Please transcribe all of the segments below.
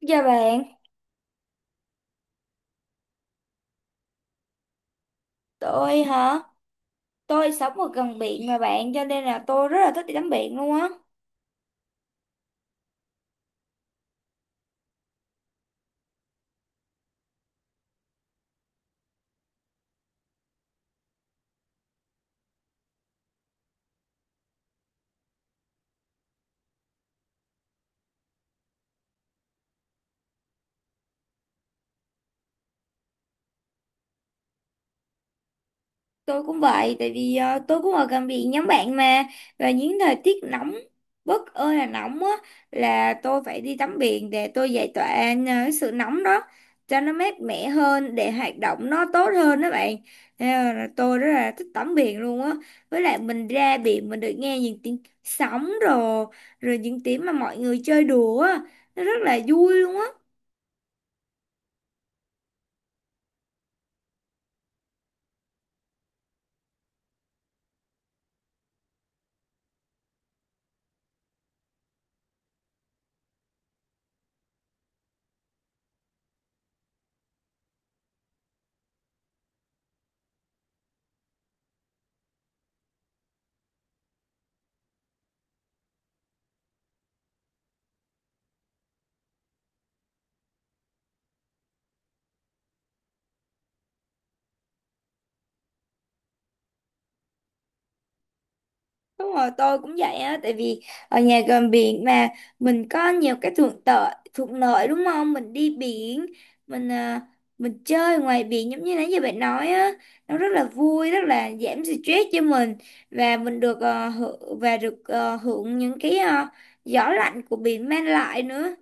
Dạ bạn, tôi hả? Tôi sống ở gần biển mà bạn, cho nên là tôi rất là thích đi tắm biển luôn á. Tôi cũng vậy, tại vì tôi cũng ở gần biển nhóm bạn mà. Và những thời tiết nóng, bất ơi là nóng á, là tôi phải đi tắm biển để tôi giải tỏa cái sự nóng đó, cho nó mát mẻ hơn, để hoạt động nó tốt hơn đó bạn. Nên là tôi rất là thích tắm biển luôn á. Với lại mình ra biển mình được nghe những tiếng sóng rồi, rồi những tiếng mà mọi người chơi đùa á, nó rất là vui luôn á. Đúng rồi, tôi cũng vậy á, tại vì ở nhà gần biển mà mình có nhiều cái thuận lợi đúng không? Mình đi biển, mình à, mình chơi ngoài biển giống như nãy giờ bạn nói á, nó rất là vui, rất là giảm stress cho mình và mình được hưởng và được hưởng những cái gió lạnh của biển mang lại nữa.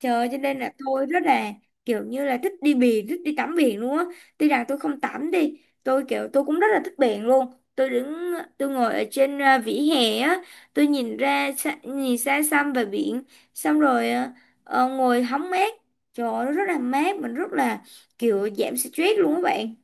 Trời ơi, cho nên là tôi rất là kiểu như là thích đi biển, thích đi tắm biển luôn á. Tuy rằng tôi không tắm đi, tôi kiểu tôi cũng rất là thích biển luôn. Tôi đứng, tôi ngồi ở trên vỉa hè á, tôi nhìn ra, nhìn xa xăm về biển, xong rồi ngồi hóng mát. Trời ơi, nó rất là mát, mình rất là kiểu giảm stress luôn các bạn.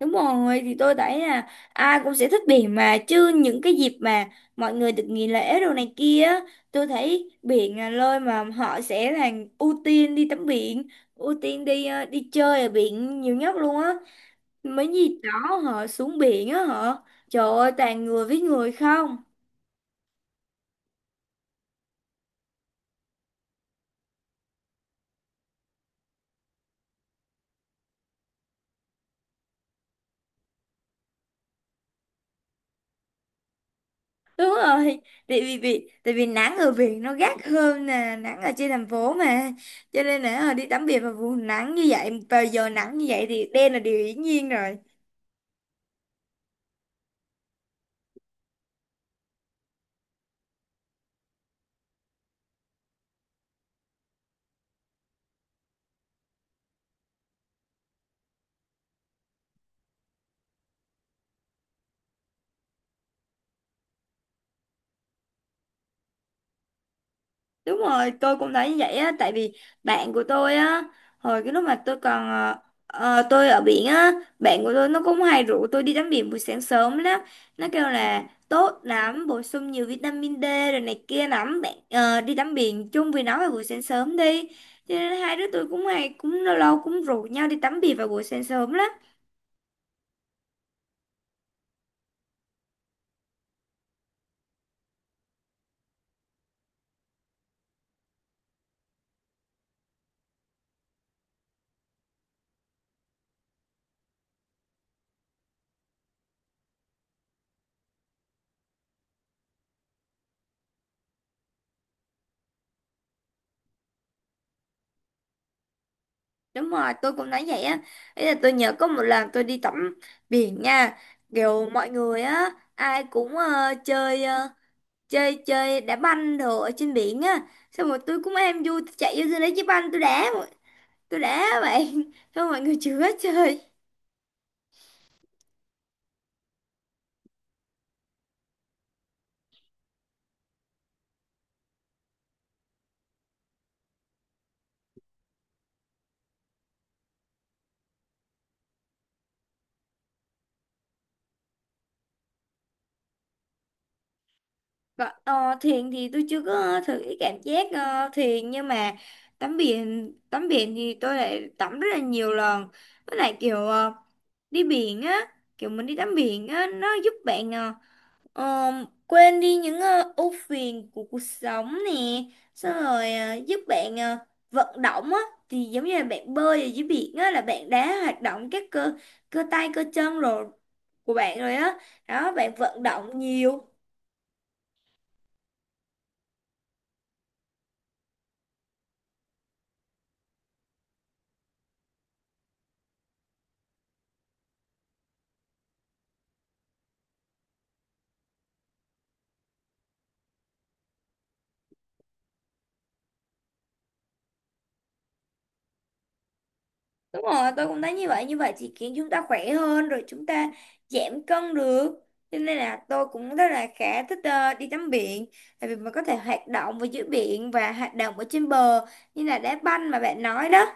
Đúng rồi, thì tôi thấy là ai cũng sẽ thích biển mà chứ những cái dịp mà mọi người được nghỉ lễ đồ này kia, á, tôi thấy biển là nơi mà họ sẽ là ưu tiên đi tắm biển, ưu tiên đi đi chơi ở biển nhiều nhất luôn á. Mấy dịp đó họ xuống biển á họ, trời ơi toàn người với người không. Đúng rồi, tại vì nắng ở biển nó gắt hơn nè, nắng ở trên thành phố mà. Cho nên là đi tắm biển vào vùng nắng như vậy, vào giờ nắng như vậy thì đen là điều hiển nhiên rồi. Đúng rồi, tôi cũng thấy như vậy á, tại vì bạn của tôi á, hồi cái lúc mà tôi còn tôi ở biển á, bạn của tôi nó cũng hay rủ tôi đi tắm biển buổi sáng sớm lắm. Nó kêu là tốt lắm, bổ sung nhiều vitamin D rồi này kia lắm, bạn đi tắm biển chung với nó vào buổi sáng sớm đi. Cho nên hai đứa tôi cũng hay cũng lâu lâu cũng rủ nhau đi tắm biển vào buổi sáng sớm lắm. Đúng rồi, tôi cũng nói vậy á. Ý là tôi nhớ có một lần tôi đi tắm biển nha, kiểu mọi người á ai cũng chơi chơi chơi đá banh đồ ở trên biển á, xong rồi tôi cũng em vui tôi chạy vô tôi lấy cái banh tôi đá, tôi đá bạn xong mọi người chưa hết chơi. Còn thuyền thì tôi chưa có thử cái cảm giác thuyền, nhưng mà tắm biển thì tôi lại tắm rất là nhiều lần, với lại kiểu đi biển á, kiểu mình đi tắm biển á nó giúp bạn Ờ, quên đi những ưu phiền của cuộc sống nè, xong rồi giúp bạn vận động á, thì giống như là bạn bơi ở dưới biển á là bạn đã hoạt động các cơ cơ tay cơ chân của bạn rồi á đó bạn, vận động nhiều. Đúng rồi, tôi cũng thấy như vậy, như vậy thì khiến chúng ta khỏe hơn rồi, chúng ta giảm cân được, cho nên là tôi cũng rất là khá thích đi tắm biển, tại vì mình có thể hoạt động ở dưới biển và hoạt động ở trên bờ như là đá banh mà bạn nói đó.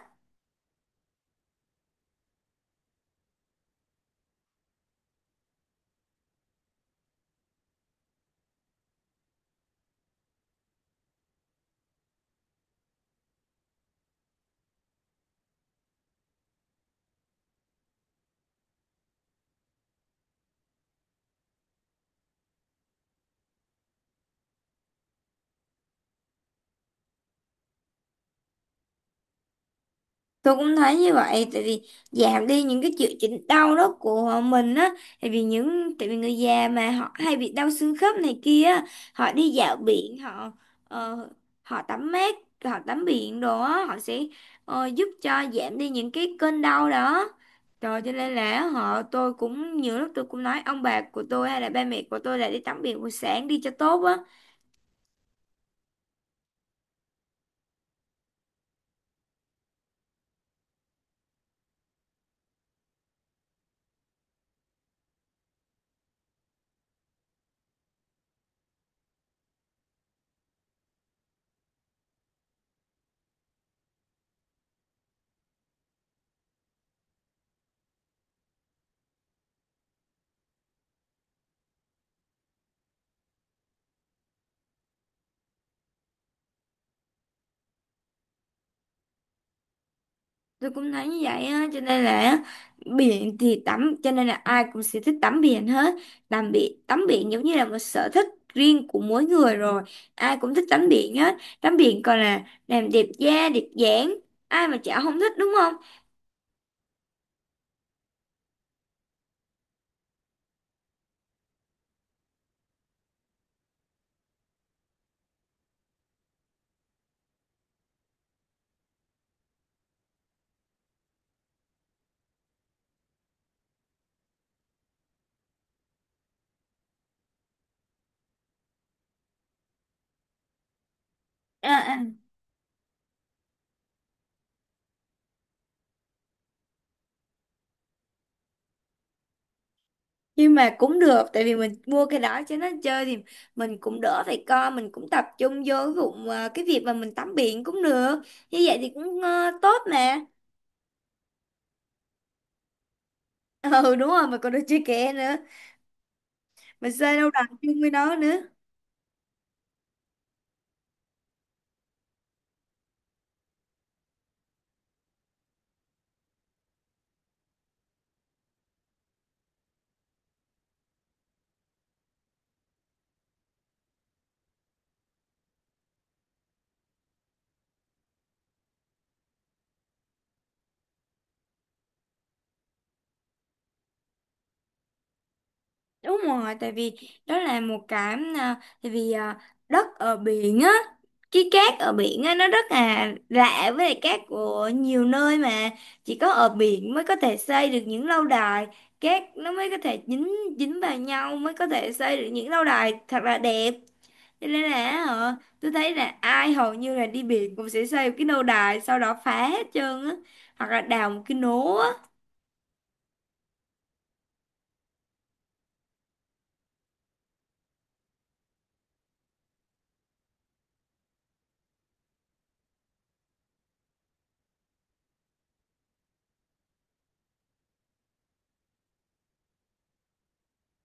Tôi cũng thấy như vậy, tại vì giảm đi những cái triệu chứng đau đó của mình á, tại vì người già mà họ hay bị đau xương khớp này kia á, họ đi dạo biển họ ờ, họ tắm mát, họ tắm biển đồ á, họ sẽ giúp cho giảm đi những cái cơn đau đó rồi, cho nên là họ, tôi cũng nhiều lúc tôi cũng nói ông bà của tôi hay là ba mẹ của tôi là đi tắm biển buổi sáng đi cho tốt á. Tôi cũng thấy như vậy á, cho nên là biển thì tắm, cho nên là ai cũng sẽ thích tắm biển hết. Tắm biển giống như là một sở thích riêng của mỗi người rồi, ai cũng thích tắm biển hết. Tắm biển còn là làm đẹp da đẹp dáng, ai mà chả không thích, đúng không? À, à, nhưng mà cũng được, tại vì mình mua cái đó cho nó chơi thì mình cũng đỡ phải co, mình cũng tập trung vô cái việc mà mình tắm biển cũng được, như vậy thì cũng tốt mà. Ừ đúng rồi, mà còn được chơi kè nữa, mình chơi đâu đành chung với nó nữa. Đúng rồi, tại vì đó là một cái tại vì à, đất ở biển á, cái cát ở biển á nó rất là lạ, với lại cát của nhiều nơi mà chỉ có ở biển mới có thể xây được những lâu đài cát, nó mới có thể dính dính vào nhau, mới có thể xây được những lâu đài thật là đẹp. Cho nên là tôi thấy là ai hầu như là đi biển cũng sẽ xây một cái lâu đài sau đó phá hết trơn á, hoặc là đào một cái nố á.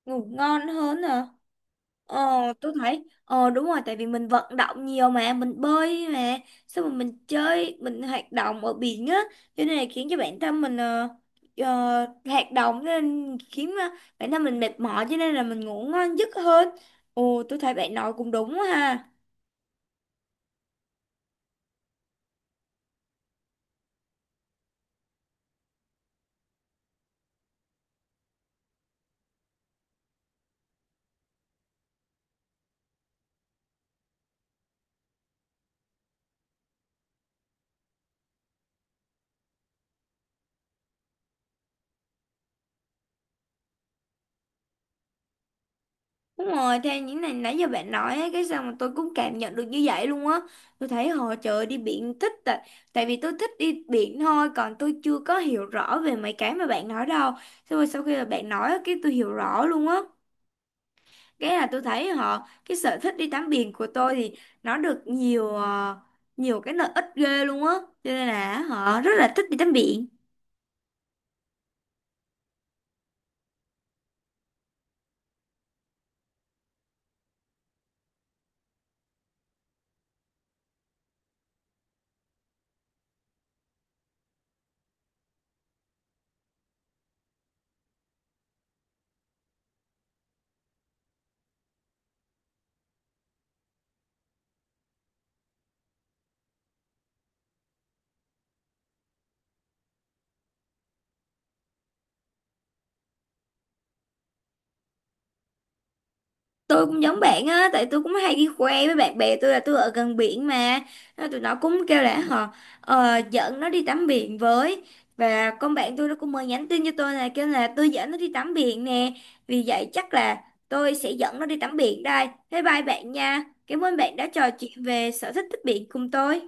Ngủ ngon hơn hả? Ờ, tôi thấy ờ đúng rồi, tại vì mình vận động nhiều mà, mình bơi mà, xong rồi mình chơi mình hoạt động ở biển á, cho nên là khiến cho bản thân mình hoạt động, cho nên khiến bản thân mình mệt mỏi, cho nên là mình ngủ ngon giấc hơn. Ồ, tôi thấy bạn nói cũng đúng ha. Đúng rồi, theo những này nãy giờ bạn nói ấy, cái sao mà tôi cũng cảm nhận được như vậy luôn á. Tôi thấy họ, trời ơi, đi biển thích, tại tại vì tôi thích đi biển thôi, còn tôi chưa có hiểu rõ về mấy cái mà bạn nói đâu. Xong rồi sau khi mà bạn nói á, cái tôi hiểu rõ luôn á. Cái là tôi thấy họ, cái sở thích đi tắm biển của tôi thì nó được nhiều nhiều cái lợi ích ghê luôn á. Cho nên là họ rất là thích đi tắm biển. Tôi cũng giống bạn á, tại tôi cũng hay đi khoe với bạn bè tôi là tôi ở gần biển mà. Nên tụi nó cũng kêu là họ dẫn nó đi tắm biển với, và con bạn tôi nó cũng mới nhắn tin cho tôi là kêu là tôi dẫn nó đi tắm biển nè. Vì vậy chắc là tôi sẽ dẫn nó đi tắm biển đây. Bye bye bạn nha, cảm ơn bạn đã trò chuyện về sở thích thích biển cùng tôi.